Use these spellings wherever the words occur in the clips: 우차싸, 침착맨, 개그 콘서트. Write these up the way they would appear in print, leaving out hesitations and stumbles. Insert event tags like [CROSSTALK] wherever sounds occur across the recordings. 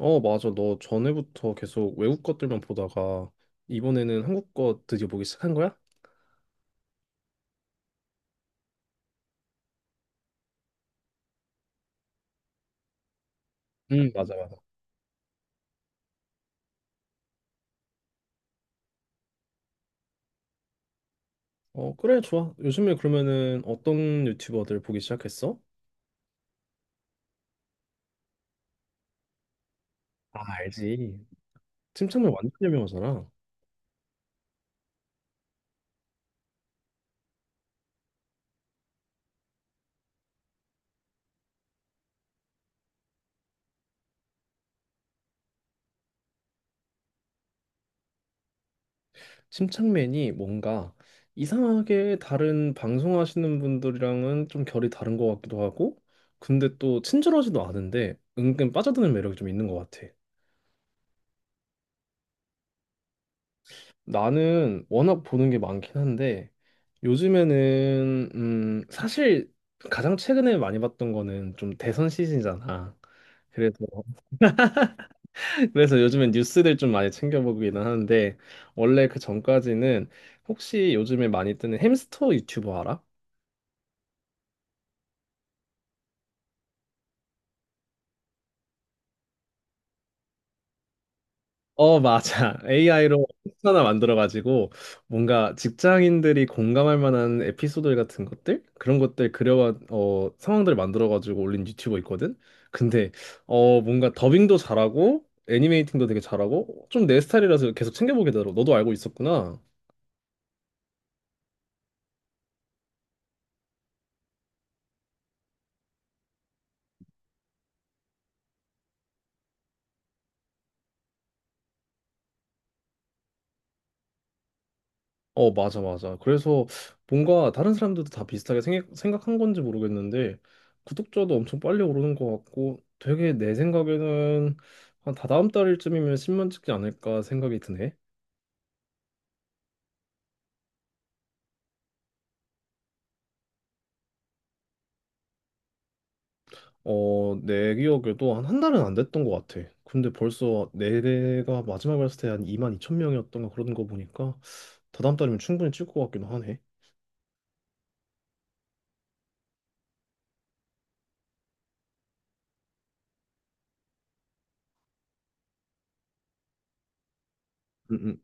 어, 맞아. 너 전에부터 계속 외국 것들만 보다가 이번에는 한국 거 드디어 보기 시작한 거야? 응, 맞아, 맞아. 어, 그래, 좋아. 요즘에 그러면은 어떤 유튜버들 보기 시작했어? 아, 알지. 침착맨 완전 유명하잖아. 침착맨이 뭔가 이상하게 다른 방송하시는 분들이랑은 좀 결이 다른 것 같기도 하고, 근데 또 친절하지도 않은데 은근 빠져드는 매력이 좀 있는 것 같아. 나는 워낙 보는 게 많긴 한데 요즘에는 사실 가장 최근에 많이 봤던 거는 좀 대선 시즌이잖아. 그래서 [LAUGHS] 그래서 요즘엔 뉴스들 좀 많이 챙겨 보기는 하는데 원래 그 전까지는 혹시 요즘에 많이 뜨는 햄스터 유튜버 알아? 어, 맞아. [LAUGHS] AI로 텍 하나 만들어가지고 뭔가 직장인들이 공감할 만한 에피소드 같은 것들? 그런 것들 그려, 어, 상황들 만들어가지고 올린 유튜버 있거든? 근데, 어, 뭔가 더빙도 잘하고 애니메이팅도 되게 잘하고 좀 내 스타일이라서 계속 챙겨보게 되더라고. 너도 알고 있었구나. 어, 맞아, 맞아. 그래서 뭔가 다른 사람들도 다 비슷하게 생각한 건지 모르겠는데, 구독자도 엄청 빨리 오르는 것 같고, 되게 내 생각에는 한 다다음 달쯤이면 10만 찍지 않을까 생각이 드네. 어, 내 기억에도 한 한 달은 안 됐던 것 같아. 근데 벌써 내가 마지막에 봤을 때 한 2만 2천 명이었던가 그러는 거 보니까, 다다음 달이면 충분히 찍을 것 같기도 하네. 음, 음.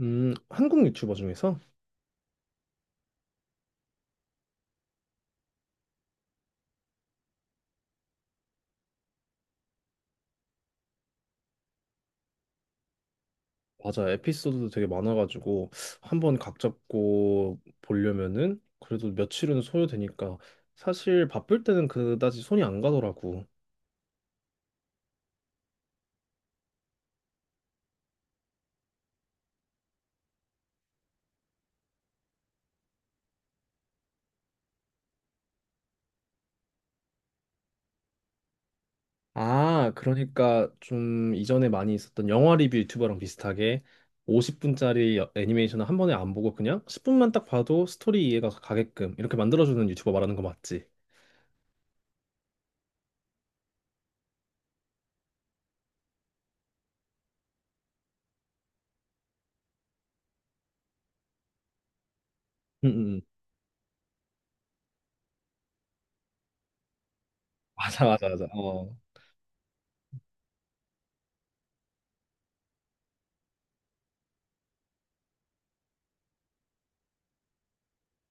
한국 유튜버 중에서? 맞아. 에피소드도 되게 많아가지고 한 번 각 잡고 보려면은 그래도 며칠은 소요되니까 사실 바쁠 때는 그다지 손이 안 가더라고. 아, 그러니까 좀 이전에 많이 있었던 영화 리뷰 유튜버랑 비슷하게 50분짜리 애니메이션을 한 번에 안 보고 그냥 10분만 딱 봐도 스토리 이해가 가게끔 이렇게 만들어주는 유튜버 말하는 거 맞지? 응, 응. 응. 맞아, 맞아, 맞아. 어.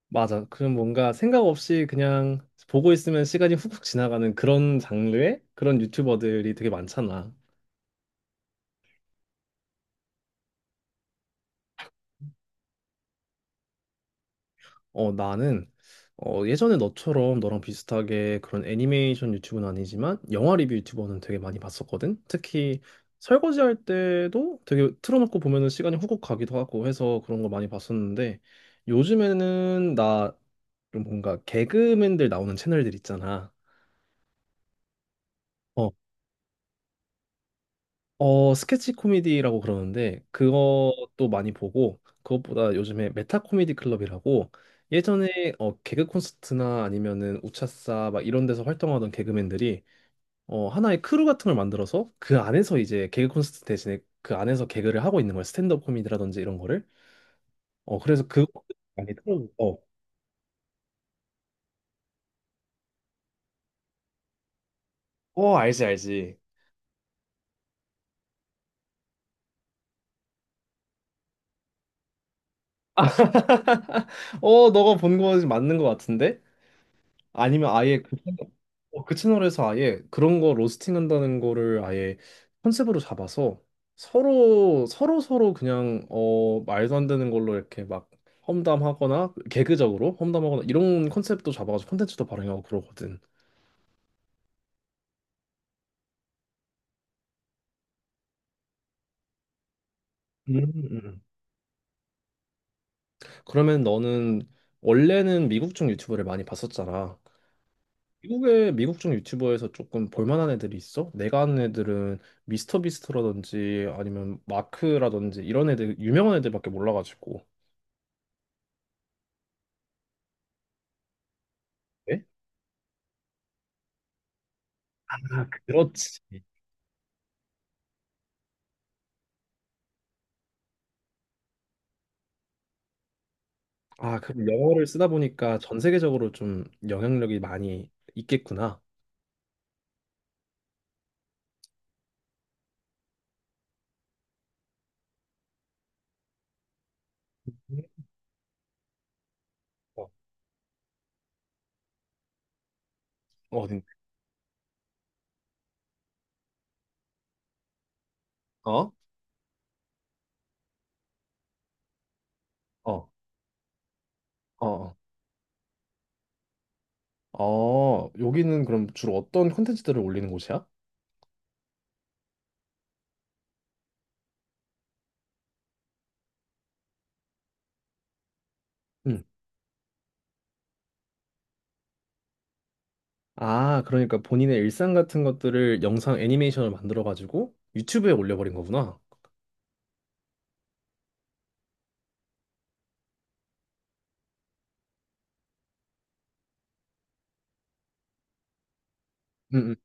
맞아. 그럼 뭔가 생각 없이 그냥 보고 있으면 시간이 훅훅 지나가는 그런 장르의 그런 유튜버들이 되게 많잖아. 어, 나는 어, 예전에 너처럼 너랑 비슷하게 그런 애니메이션 유튜브는 아니지만 영화 리뷰 유튜버는 되게 많이 봤었거든. 특히 설거지할 때도 되게 틀어놓고 보면은 시간이 훅훅 가기도 하고 해서 그런 거 많이 봤었는데 요즘에는 나좀 뭔가 개그맨들 나오는 채널들 있잖아. 어, 어, 스케치 코미디라고 그러는데 그것도 많이 보고 그것보다 요즘에 메타 코미디 클럽이라고 예전에 어, 개그 콘서트나 아니면은 우차싸 막 이런 데서 활동하던 개그맨들이 어, 하나의 크루 같은 걸 만들어서 그 안에서 이제 개그 콘서트 대신에 그 안에서 개그를 하고 있는 거야 스탠드업 코미디라든지 이런 거를. 어, 그래서 그거 많이 틀어. 어. 어, 알지, 알지. 어, 너가 본 거 맞는 거 같은데? 아니면 아예 그, 채널- 어, 그 채널에서 아예 그런 거 로스팅한다는 거를 아예 컨셉으로 잡아서 서로 서로 서로 그냥 어 말도 안 되는 걸로 이렇게 막 험담하거나 개그적으로 험담하거나 이런 컨셉도 잡아가지고 콘텐츠도 발행하고 그러거든. 음, 음. 그러면 너는 원래는 미국 쪽 유튜브를 많이 봤었잖아. 미국 중 유튜버에서 조금 볼만한 애들이 있어? 내가 아는 애들은 미스터 비스트라든지 아니면 마크라든지 이런 애들 유명한 애들밖에 몰라가지고. 네? 아, 그렇지. 아, 그럼 영어를 쓰다 보니까 전 세계적으로 좀 영향력이 많이 있겠구나. 어, 어, 네. 어, 어, 어, 어, 여기는 그럼 주로 어떤 콘텐츠들을 올리는 곳이야? 응. 아, 그러니까 본인의 일상 같은 것들을 영상 애니메이션을 만들어가지고 유튜브에 올려버린 거구나. 응,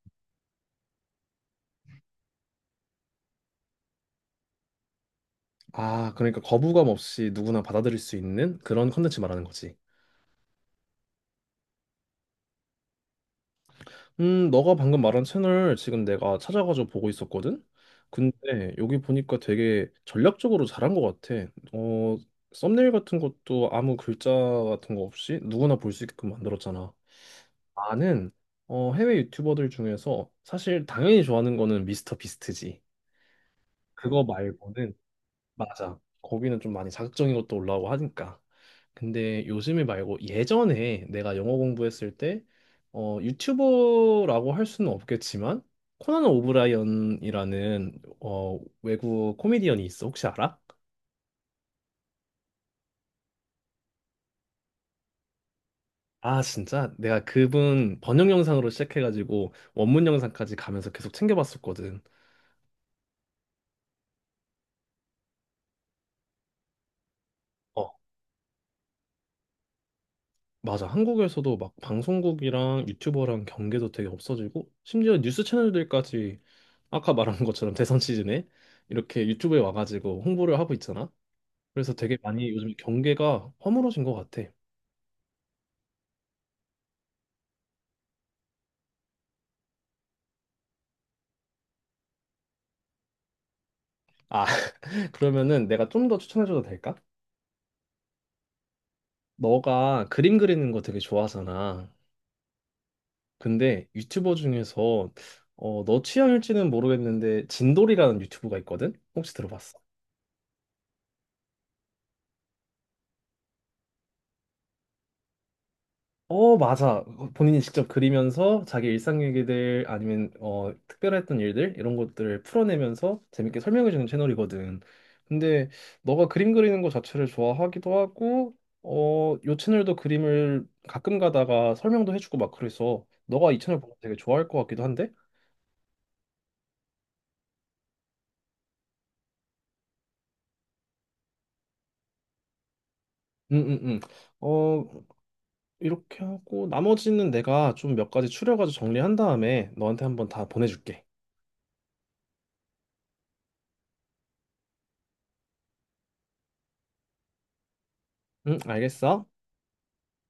아, 그러니까 거부감 없이 누구나 받아들일 수 있는 그런 컨텐츠 말하는 거지. 너가 방금 말한 채널 지금 내가 찾아가지고 보고 있었거든? 근데 여기 보니까 되게 전략적으로 잘한 것 같아. 어, 썸네일 같은 것도 아무 글자 같은 거 없이 누구나 볼 수 있게끔 만들었잖아. 나는 어, 해외 유튜버들 중에서 사실 당연히 좋아하는 거는 미스터 비스트지. 그거 말고는 맞아. 거기는 좀 많이 자극적인 것도 올라오고 하니까. 근데 요즘에 말고 예전에 내가 영어 공부했을 때 어, 유튜버라고 할 수는 없겠지만 코난 오브라이언이라는 어, 외국 코미디언이 있어. 혹시 알아? 아, 진짜? 내가 그분 번역 영상으로 시작해가지고 원문 영상까지 가면서 계속 챙겨봤었거든. 어, 맞아. 한국에서도 막 방송국이랑 유튜버랑 경계도 되게 없어지고 심지어 뉴스 채널들까지 아까 말한 것처럼 [LAUGHS] 대선 시즌에 이렇게 유튜브에 와가지고 홍보를 하고 있잖아. 그래서 되게 많이 요즘 경계가 허물어진 것 같아. 아, [LAUGHS] 그러면은 내가 좀 더 추천해줘도 될까? 너가 그림 그리는 거 되게 좋아하잖아. 근데 유튜버 중에서 어, 너 취향일지는 모르겠는데 진돌이라는 유튜브가 있거든? 혹시 들어봤어? 어, 맞아. 본인이 직접 그리면서 자기 일상 얘기들 아니면 어, 특별했던 일들 이런 것들을 풀어내면서 재밌게 설명해주는 채널이거든. 근데 너가 그림 그리는 거 자체를 좋아하기도 하고, 어, 요 채널도 그림을 가끔 가다가 설명도 해주고 막 그래서 너가 이 채널 보면 되게 좋아할 것 같기도 한데? 응, 응, 응. 어, 이렇게 하고 나머지는 내가 좀 몇 가지 추려가지고 정리한 다음에 너한테 한번 다 보내줄게. 응, 알겠어?